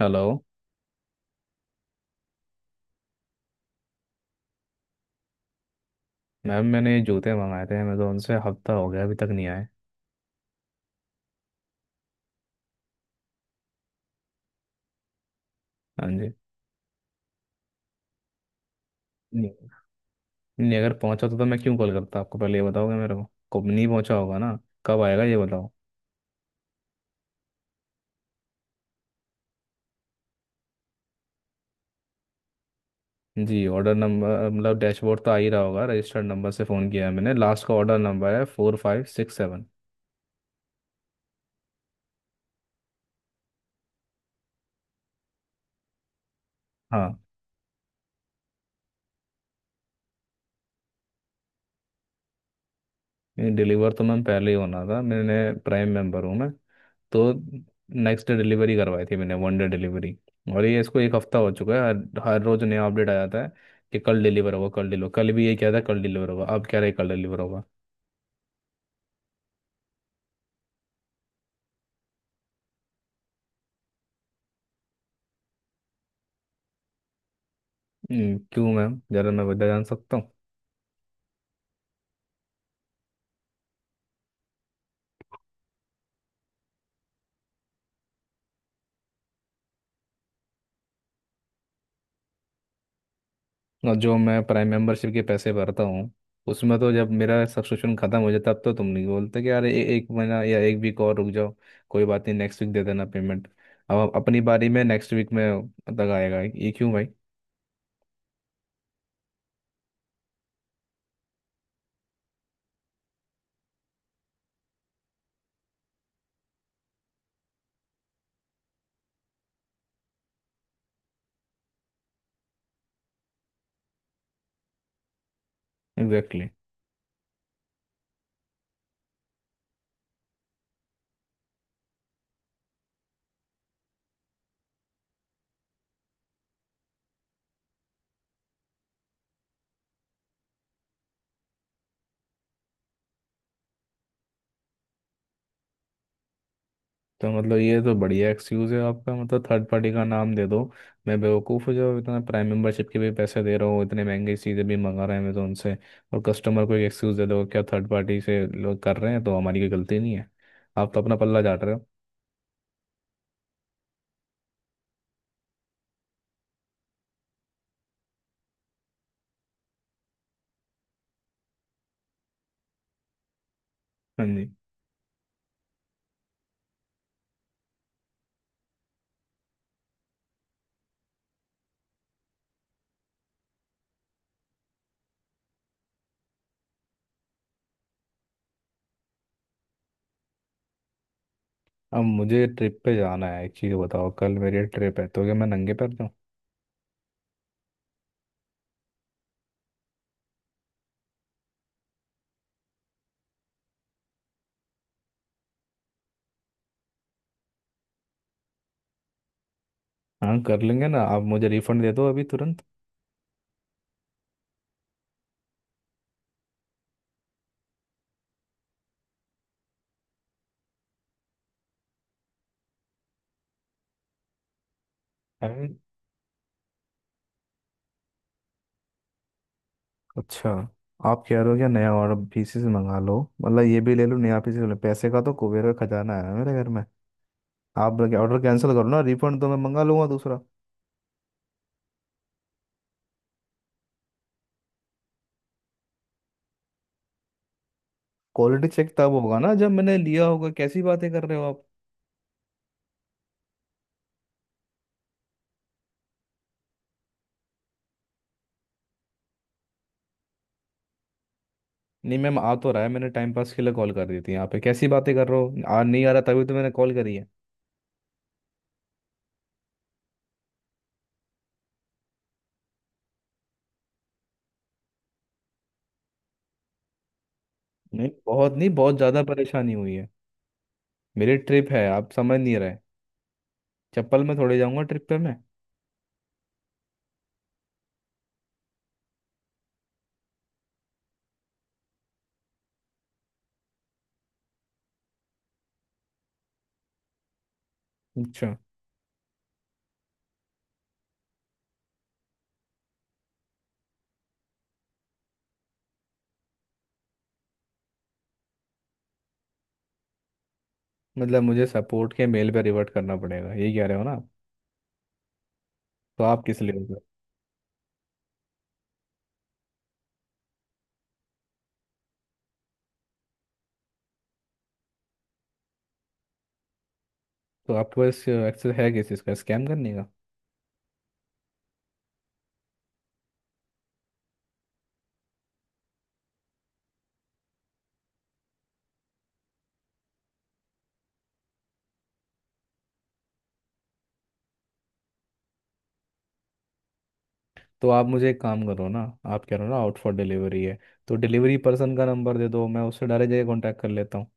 Hello. Ma'am, मैंने ये जूते मंगाए थे अमेजोन से, हफ्ता हो गया अभी तक नहीं आए। हाँ जी। नहीं। नहीं, अगर पहुंचा तो मैं क्यों कॉल करता आपको? पहले ये बताओगे मेरे को कब नहीं पहुंचा होगा ना। कब आएगा ये बताओ। जी, ऑर्डर नंबर मतलब डैशबोर्ड तो आ ही रहा होगा, रजिस्टर्ड नंबर से फ़ोन किया है मैंने। लास्ट का ऑर्डर नंबर है 4567। हाँ। डिलीवर तो मैम पहले ही होना था। मैंने प्राइम मेंबर हूँ मैं, तो नेक्स्ट डे डिलीवरी करवाई थी मैंने, वन डे डिलीवरी। और ये इसको एक हफ्ता हो चुका है, हर हर रोज नया अपडेट आ जाता है कि कल डिलीवर होगा, कल डिलीवर, कल भी ये क्या था, कल डिलीवर होगा, अब कह रहे कल डिलीवर होगा। क्यों मैम, जरा मैं वजह जान सकता हूँ? और जो मैं प्राइम मेंबरशिप के पैसे भरता हूँ उसमें तो, जब मेरा सब्सक्रिप्शन खत्म हो जाता तब तो तुम नहीं बोलते कि अरे एक महीना या एक वीक और रुक जाओ, कोई बात नहीं, नेक्स्ट वीक दे देना पेमेंट। अब अपनी बारी में नेक्स्ट वीक में तक आएगा ये क्यों भाई? एग्जैक्टली। तो मतलब ये तो बढ़िया एक्सक्यूज है आपका, मतलब थर्ड पार्टी का नाम दे दो। मैं बेवकूफ़ हूँ जो इतना प्राइम मेंबरशिप के भी पैसे दे रहा हूँ, इतने महंगी चीज़ें भी मंगा रहे हैं मैं तो उनसे, और कस्टमर को एक एक्सक्यूज़ दे दो क्या, थर्ड पार्टी से लोग कर रहे हैं तो हमारी कोई गलती नहीं है। आप तो अपना पल्ला झाड़ रहे हो। हाँ जी। अब मुझे ट्रिप पे जाना है, एक चीज़ बताओ, कल मेरी ट्रिप है, तो क्या मैं नंगे पैर जाऊँ? हाँ, कर लेंगे ना। आप मुझे रिफंड दे दो अभी तुरंत। अरे। अच्छा, आप कह रहे हो क्या नया और पीसीस मंगा लो, मतलब ये भी ले लो नया पीसीस ले लो, पैसे का तो कुबेर का खजाना है ना मेरे घर में। आप लगे ऑर्डर कैंसिल करो ना, रिफंड तो मैं मंगा लूंगा दूसरा। क्वालिटी चेक तब होगा ना जब मैंने लिया होगा, कैसी बातें कर रहे हो आप। नहीं मैम, आ तो रहा है, मैंने टाइम पास के लिए कॉल कर दी थी यहाँ पे? कैसी बातें कर रहे हो, आ नहीं आ रहा तभी तो मैंने कॉल करी है। नहीं बहुत नहीं, बहुत ज़्यादा परेशानी हुई है। मेरी ट्रिप है, आप समझ नहीं रहे। चप्पल में थोड़े जाऊंगा ट्रिप पे मैं। अच्छा। मतलब मुझे सपोर्ट के मेल पे रिवर्ट करना पड़ेगा ये कह रहे हो ना आप? तो आप किस लिए हो? तो आपके पास एक्सेस है किस चीज़ का, स्कैम करने का? तो आप मुझे एक काम करो ना, आप कह रहे हो ना आउट फॉर डिलीवरी है, तो डिलीवरी पर्सन का नंबर दे दो, मैं उससे डायरेक्ट जगह कॉन्टैक्ट कर लेता हूँ।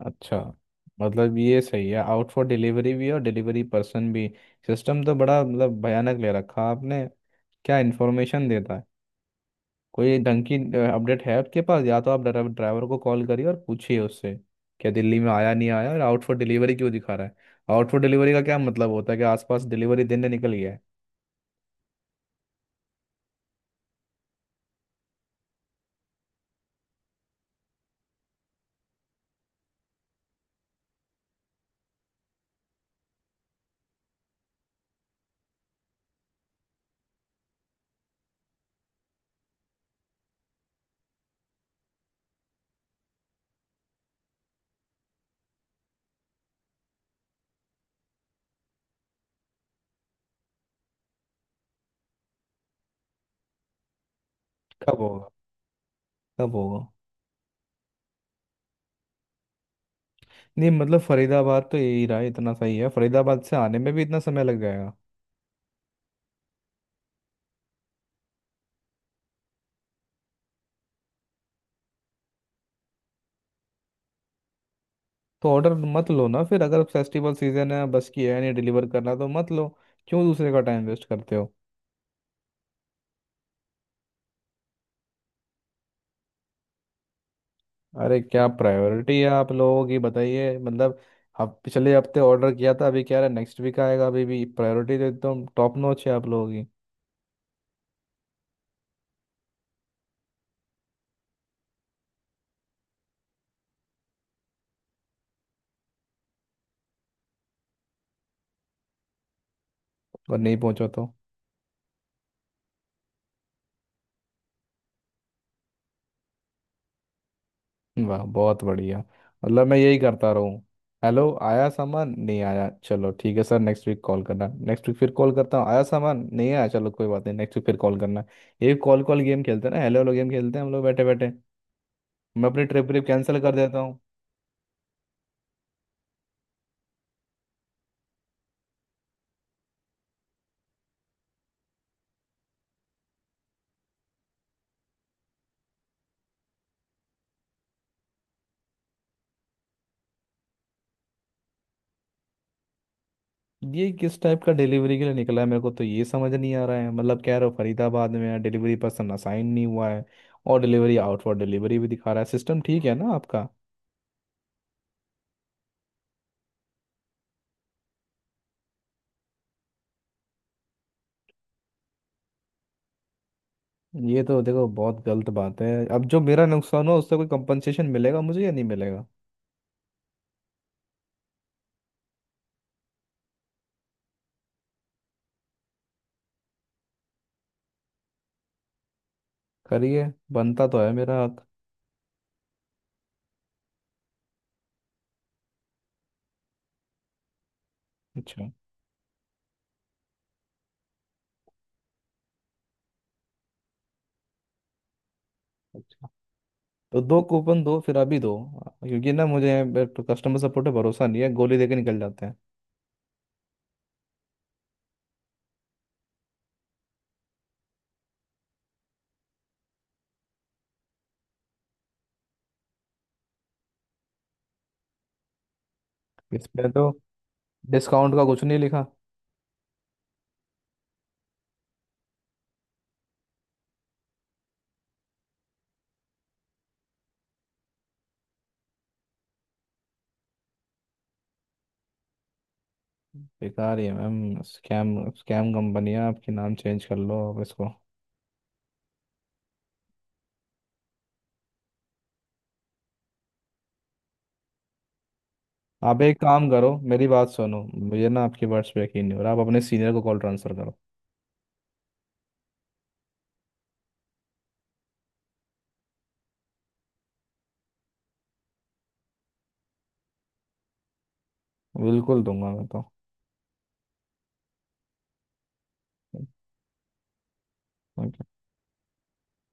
अच्छा, मतलब ये सही है आउट फॉर डिलीवरी भी और डिलीवरी पर्सन भी। सिस्टम तो बड़ा मतलब भयानक ले रखा आपने। क्या इन्फॉर्मेशन देता है, कोई ढंग की अपडेट है आपके पास? या तो आप ड्राइवर को कॉल करिए और पूछिए उससे क्या दिल्ली में आया नहीं आया, और आउट फॉर डिलीवरी क्यों दिखा रहा है? आउट फॉर डिलीवरी का क्या मतलब होता है कि आसपास डिलीवरी दिन निकल गया है। कब होगा? कब होगा? नहीं मतलब, फरीदाबाद तो यही रहा, इतना सही है, फरीदाबाद से आने में भी इतना समय लग जाएगा? तो ऑर्डर मत लो ना फिर अगर फेस्टिवल सीजन है, बस की है नहीं डिलीवर करना तो मत लो। क्यों दूसरे का टाइम वेस्ट करते हो? अरे क्या प्रायोरिटी है आप लोगों की, बताइए मतलब। हफ पिछले हफ्ते ऑर्डर किया था, अभी कह रहे नेक्स्ट वीक आएगा, अभी भी प्रायोरिटी तो एकदम टॉप नॉच है आप लोगों की। और नहीं पहुंचा तो? वाह बहुत बढ़िया। मतलब मैं यही करता रहूँ, हेलो आया सामान नहीं आया, चलो ठीक है सर नेक्स्ट वीक कॉल करना, नेक्स्ट वीक फिर कॉल करता हूँ, आया सामान नहीं आया, चलो कोई बात नहीं नेक्स्ट वीक फिर कॉल करना। ये कॉल कॉल गेम खेलते हैं ना, हेलो हेलो गेम खेलते हैं हम लोग बैठे बैठे। मैं अपनी ट्रिप ट्रिप कैंसिल कर देता हूँ। ये किस टाइप का डिलीवरी के लिए निकला है, मेरे को तो ये समझ नहीं आ रहा है। मतलब कह रहे हो फरीदाबाद में है, डिलीवरी पर्सन असाइन नहीं हुआ है, और डिलीवरी आउट फॉर डिलीवरी भी दिखा रहा है, सिस्टम ठीक है ना आपका? ये तो देखो बहुत गलत बात है। अब जो मेरा नुकसान हो उससे कोई कंपनसेशन मिलेगा मुझे या नहीं मिलेगा? करिए, बनता तो है मेरा हक। अच्छा। अच्छा, तो दो कूपन दो फिर, अभी दो, क्योंकि ना मुझे कस्टमर सपोर्ट पे भरोसा नहीं है, गोली देके निकल जाते हैं। इसमें तो डिस्काउंट का कुछ नहीं लिखा। बेकार ही है मैम, स्कैम स्कैम कंपनी है आपकी, नाम चेंज कर लो आप इसको। आप एक काम करो, मेरी बात सुनो, मुझे ना आपकी वर्ड्स पे यकीन नहीं हो रहा, आप अपने सीनियर को कॉल ट्रांसफर करो। बिल्कुल दूंगा मैं। तो